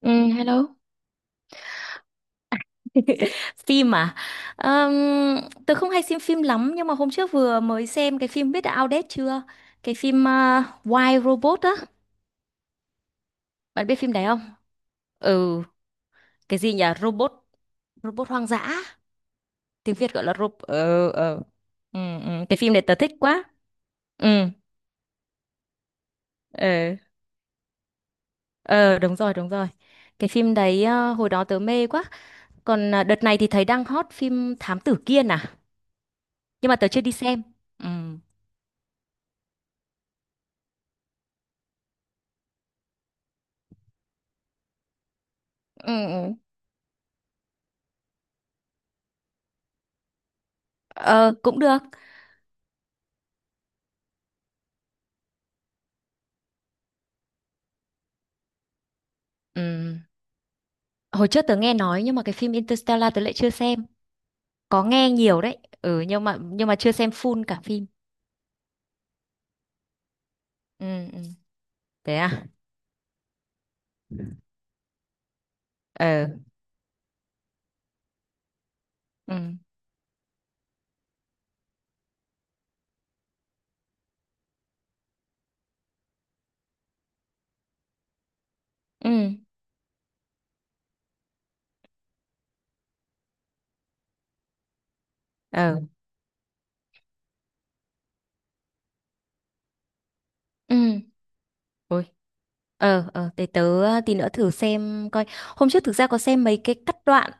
Ừ, hello. Phim à? Ờm, tớ không hay xem phim lắm nhưng mà hôm trước vừa mới xem cái phim biết đã outdate chưa? Cái phim Why Robot á. Bạn biết phim đấy không? Ừ, cái gì nhỉ? Robot hoang dã. Tiếng Việt gọi là robot. Ừ, ừ. Ừ, ừ. Cái phim này tớ thích quá. Ừ, ừ. Ờ, đúng rồi, đúng rồi. Cái phim đấy hồi đó tớ mê quá. Còn đợt này thì thấy đang hot phim Thám Tử Kiên à? Nhưng mà tớ chưa đi xem. Ừ. Ừ. Ừ. Ờ, cũng được. Ừm, Hồi trước tớ nghe nói nhưng mà cái phim Interstellar tớ lại chưa xem. Có nghe nhiều đấy. Ừ, nhưng mà chưa xem full cả phim. Ừ ừ. Thế à? Ờ. Ừ. Ừ. Ờ. Ừ. Ôi. Để tớ tí nữa thử xem coi. Hôm trước thực ra có xem mấy cái cắt đoạn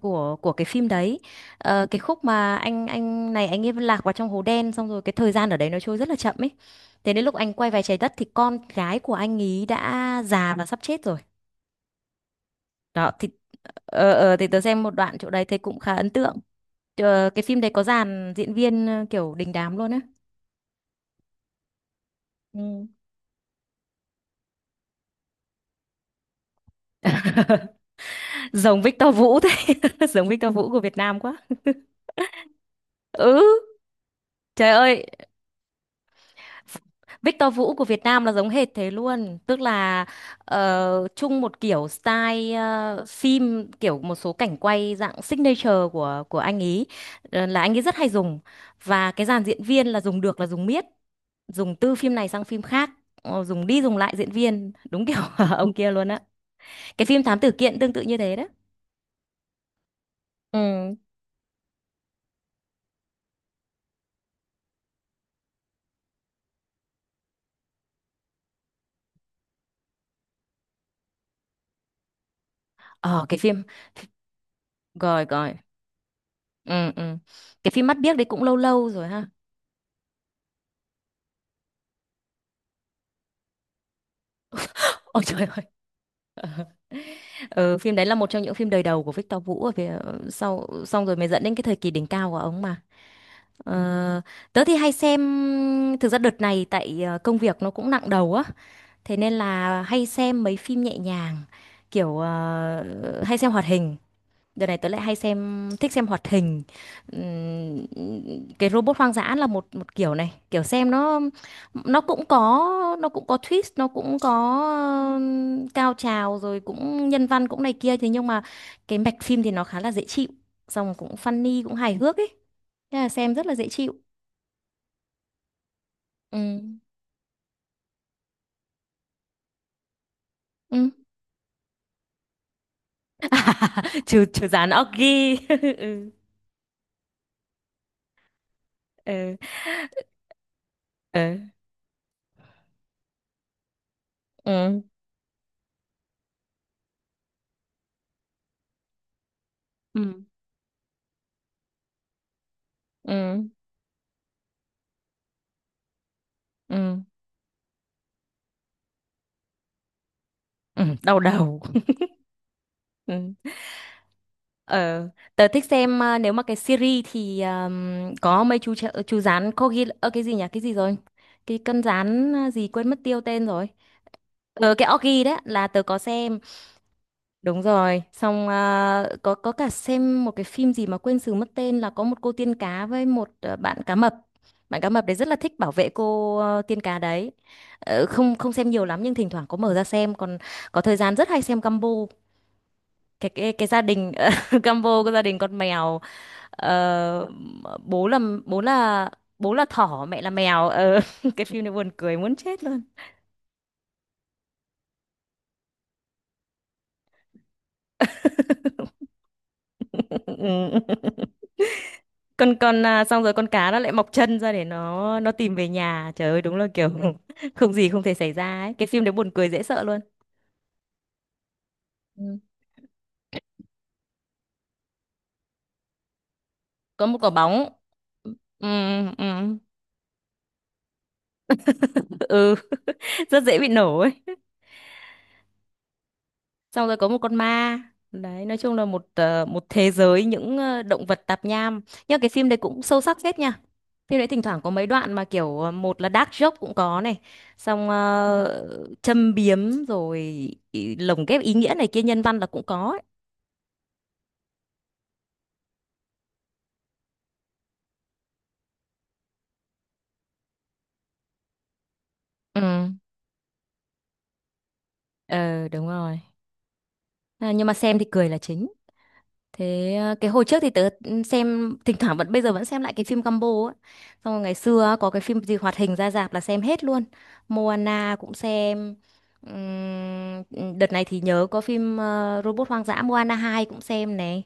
của cái phim đấy. Ờ, cái khúc mà anh này anh ấy lạc vào trong hố đen xong rồi cái thời gian ở đấy nó trôi rất là chậm ấy. Thế đến lúc anh quay về trái đất thì con gái của anh ý đã già và sắp chết rồi. Đó thì thì tớ xem một đoạn chỗ đấy thấy cũng khá ấn tượng. Ờ, cái phim đấy có dàn diễn viên kiểu đình đám luôn á. Ừ. Giống Victor Vũ thế, giống Victor Vũ của Việt Nam quá. Ừ, trời ơi, Victor Vũ của Việt Nam là giống hệt thế luôn, tức là chung một kiểu style phim kiểu một số cảnh quay dạng signature của anh ý là anh ấy rất hay dùng và cái dàn diễn viên là dùng được là dùng miết dùng từ phim này sang phim khác dùng đi dùng lại diễn viên đúng kiểu ông kia luôn á. Cái phim Thám Tử Kiện tương tự như thế đó. Ừ, ờ, cái phim. Rồi, rồi, ừ, ừ. Cái phim Mắt Biếc đấy cũng lâu lâu rồi, ha. Ôi trời ơi. Ừ, phim đấy là một trong những phim đời đầu của Victor Vũ ở Việt sau xong rồi mới dẫn đến cái thời kỳ đỉnh cao của ông mà. Ờ, tớ thì hay xem, thực ra đợt này tại công việc nó cũng nặng đầu á thế nên là hay xem mấy phim nhẹ nhàng kiểu hay xem hoạt hình. Đợt này tớ lại hay xem thích xem hoạt hình. Ừm, cái robot hoang dã là một một kiểu này kiểu xem nó cũng có nó cũng có twist nó cũng có cao trào rồi cũng nhân văn cũng này kia thế nhưng mà cái mạch phim thì nó khá là dễ chịu xong cũng funny cũng hài hước ấy. Thế là xem rất là dễ chịu. Ừ, ừ. Trừ trừ dán Oggy. Ừ, ừ, ừ, ừ, ừ, ừ, ừ đau đầu. Ừ. Ờ, tớ thích xem à, nếu mà cái series thì có mấy chú rán corgi, ơ cái gì nhỉ? Cái gì rồi? Cái con rán gì quên mất tiêu tên rồi. Ờ, cái Corgi đấy là tớ có xem. Đúng rồi, xong à, có cả xem một cái phim gì mà quên sử mất tên là có một cô tiên cá với một bạn cá mập. Bạn cá mập đấy rất là thích bảo vệ cô tiên cá đấy. Ờ, không không xem nhiều lắm nhưng thỉnh thoảng có mở ra xem còn có thời gian rất hay xem Gumball. Cái gia đình combo của gia đình con mèo ờ, bố là bố là bố là thỏ, mẹ là mèo cái phim này buồn cười muốn chết luôn. Con xong rồi con cá nó lại mọc chân ra để nó tìm về nhà, trời ơi đúng là kiểu không gì không thể xảy ra ấy, cái phim đấy buồn cười dễ sợ luôn. Ừ. Có một quả bóng. Ừ, ừ. Ừ, rất dễ bị nổ ấy, xong rồi có một con ma. Đấy, nói chung là một thế giới những động vật tạp nham nhưng cái phim đấy cũng sâu sắc phết nha. Phim đấy thỉnh thoảng có mấy đoạn mà kiểu một là dark joke cũng có này, xong châm biếm rồi lồng ghép ý nghĩa này kia nhân văn là cũng có ấy. Ừ, ờ, đúng rồi, à, nhưng mà xem thì cười là chính. Thế cái hồi trước thì tớ xem thỉnh thoảng vẫn bây giờ vẫn xem lại cái phim combo á. Xong rồi ngày xưa á, có cái phim gì hoạt hình ra rạp là xem hết luôn. Moana cũng xem. Đợt này thì nhớ có phim Robot Hoang dã, Moana 2 cũng xem này.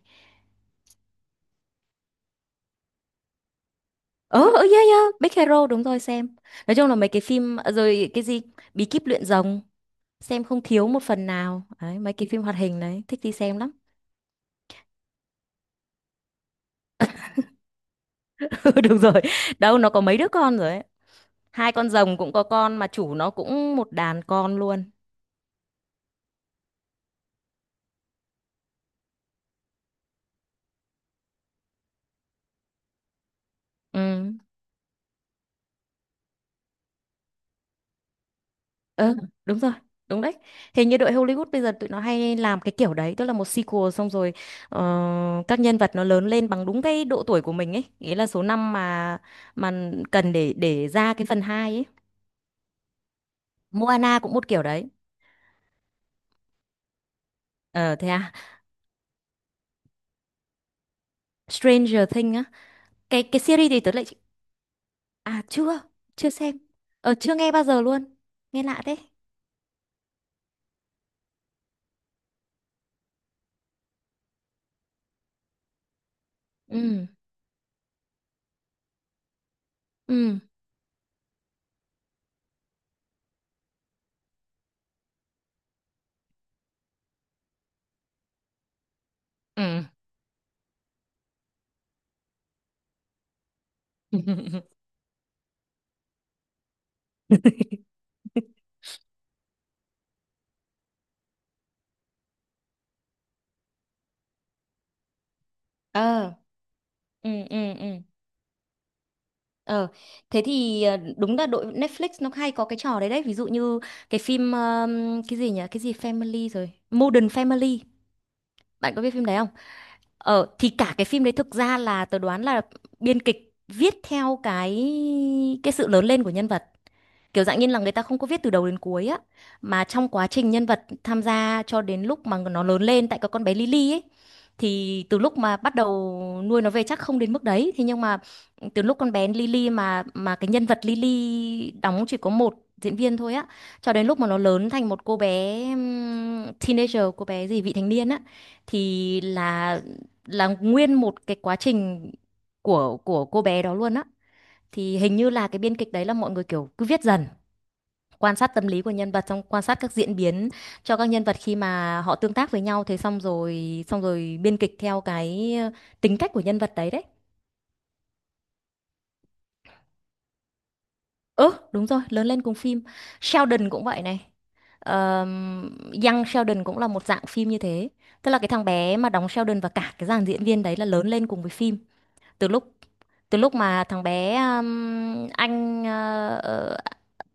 Ờ ừ, yeah yeah, Big Hero đúng rồi xem. Nói chung là mấy cái phim rồi cái gì Bí kíp luyện rồng xem không thiếu một phần nào. Đấy, mấy cái phim hoạt hình đấy thích đi xem lắm. Ừ, đúng rồi. Đâu nó có mấy đứa con rồi, ấy. Hai con rồng cũng có con mà chủ nó cũng một đàn con luôn. Ừ, ừ, đúng rồi, đúng đấy. Hình như đội Hollywood bây giờ tụi nó hay làm cái kiểu đấy, tức là một sequel xong rồi ờ, các nhân vật nó lớn lên bằng đúng cái độ tuổi của mình ấy, nghĩa là số năm mà cần để ra cái phần 2 ấy. Moana cũng một kiểu đấy. Ờ, thế à? Stranger Things á, cái series thì tớ lại à chưa, chưa xem. Ờ, chưa nghe bao giờ luôn. Nghe lạ thế. Ừ, ừ, ừ. Ờ, ừ, ừ, ừ. Ờ, thế thì đúng là đội Netflix nó hay có cái trò đấy đấy, ví dụ như cái phim cái gì nhỉ? Cái gì Family rồi, Modern Family. Bạn có biết phim đấy không? Ờ thì cả cái phim đấy thực ra là tớ đoán là biên kịch viết theo cái sự lớn lên của nhân vật, kiểu dạng như là người ta không có viết từ đầu đến cuối á mà trong quá trình nhân vật tham gia cho đến lúc mà nó lớn lên tại cái con bé Lily ấy thì từ lúc mà bắt đầu nuôi nó về chắc không đến mức đấy, thế nhưng mà từ lúc con bé Lily mà cái nhân vật Lily đóng chỉ có một diễn viên thôi á cho đến lúc mà nó lớn thành một cô bé teenager, cô bé gì vị thành niên á thì là nguyên một cái quá trình của cô bé đó luôn á, thì hình như là cái biên kịch đấy là mọi người kiểu cứ viết dần, quan sát tâm lý của nhân vật, xong quan sát các diễn biến cho các nhân vật khi mà họ tương tác với nhau, thế xong rồi biên kịch theo cái tính cách của nhân vật đấy đấy. Ừ, đúng rồi, lớn lên cùng phim. Sheldon cũng vậy này. Ờm, Young Sheldon cũng là một dạng phim như thế, tức là cái thằng bé mà đóng Sheldon và cả cái dàn diễn viên đấy là lớn lên cùng với phim từ lúc từ lúc mà thằng bé anh ờ, ờ,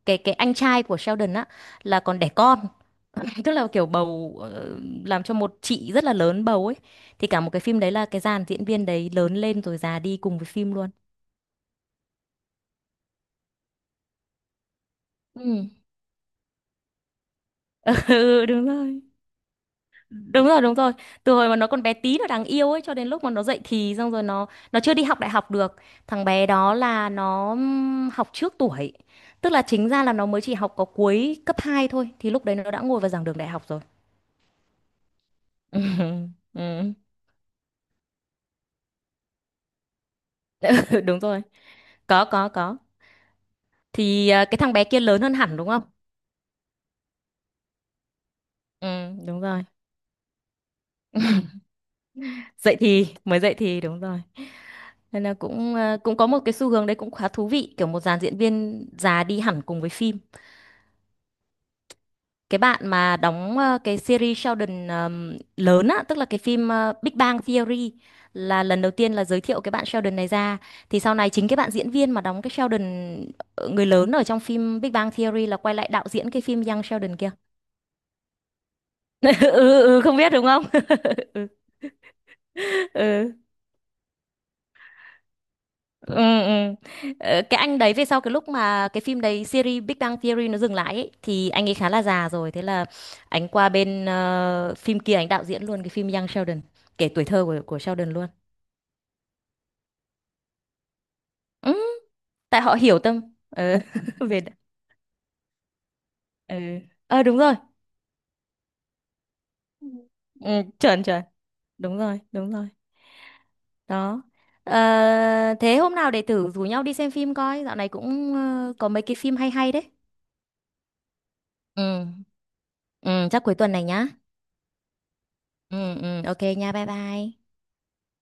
cái anh trai của Sheldon á là còn đẻ con, tức là kiểu bầu làm cho một chị rất là lớn bầu ấy, thì cả một cái phim đấy là cái dàn diễn viên đấy lớn lên rồi già đi cùng với phim luôn. Ừ. Ừ, đúng rồi, đúng rồi, đúng rồi. Từ hồi mà nó còn bé tí nó đáng yêu ấy cho đến lúc mà nó dậy thì xong rồi nó chưa đi học đại học được. Thằng bé đó là nó học trước tuổi, tức là chính ra là nó mới chỉ học có cuối cấp 2 thôi thì lúc đấy nó đã ngồi vào giảng đường đại học rồi. Ừ, đúng rồi, có, thì à, cái thằng bé kia lớn hơn hẳn đúng không? Ừ, đúng rồi. Dậy thì, mới dậy thì đúng rồi. Nên là cũng cũng có một cái xu hướng đấy cũng khá thú vị, kiểu một dàn diễn viên già đi hẳn cùng với phim. Cái bạn mà đóng cái series Sheldon lớn á, tức là cái phim Big Bang Theory là lần đầu tiên là giới thiệu cái bạn Sheldon này ra, thì sau này chính cái bạn diễn viên mà đóng cái Sheldon người lớn ở trong phim Big Bang Theory là quay lại đạo diễn cái phim Young Sheldon kia. Ừ, ừ, ừ, không biết đúng không? Ừ. Ừ, ừ. Cái anh đấy về sau cái lúc mà cái phim đấy series Big Bang Theory nó dừng lại ấy, thì anh ấy khá là già rồi, thế là anh qua bên phim kia anh đạo diễn luôn cái phim Young Sheldon kể tuổi thơ của Sheldon luôn. Ừ, tại họ hiểu tâm ờ về ừ. Ờ, đúng rồi, ừ, chuẩn chuẩn, đúng rồi, đúng rồi, đó. Ờ, thế hôm nào để thử rủ nhau đi xem phim coi, dạo này cũng có mấy cái phim hay hay đấy. Ừ, ừ chắc cuối tuần này nhá. Ừ, ừ, ok nha, bye bye.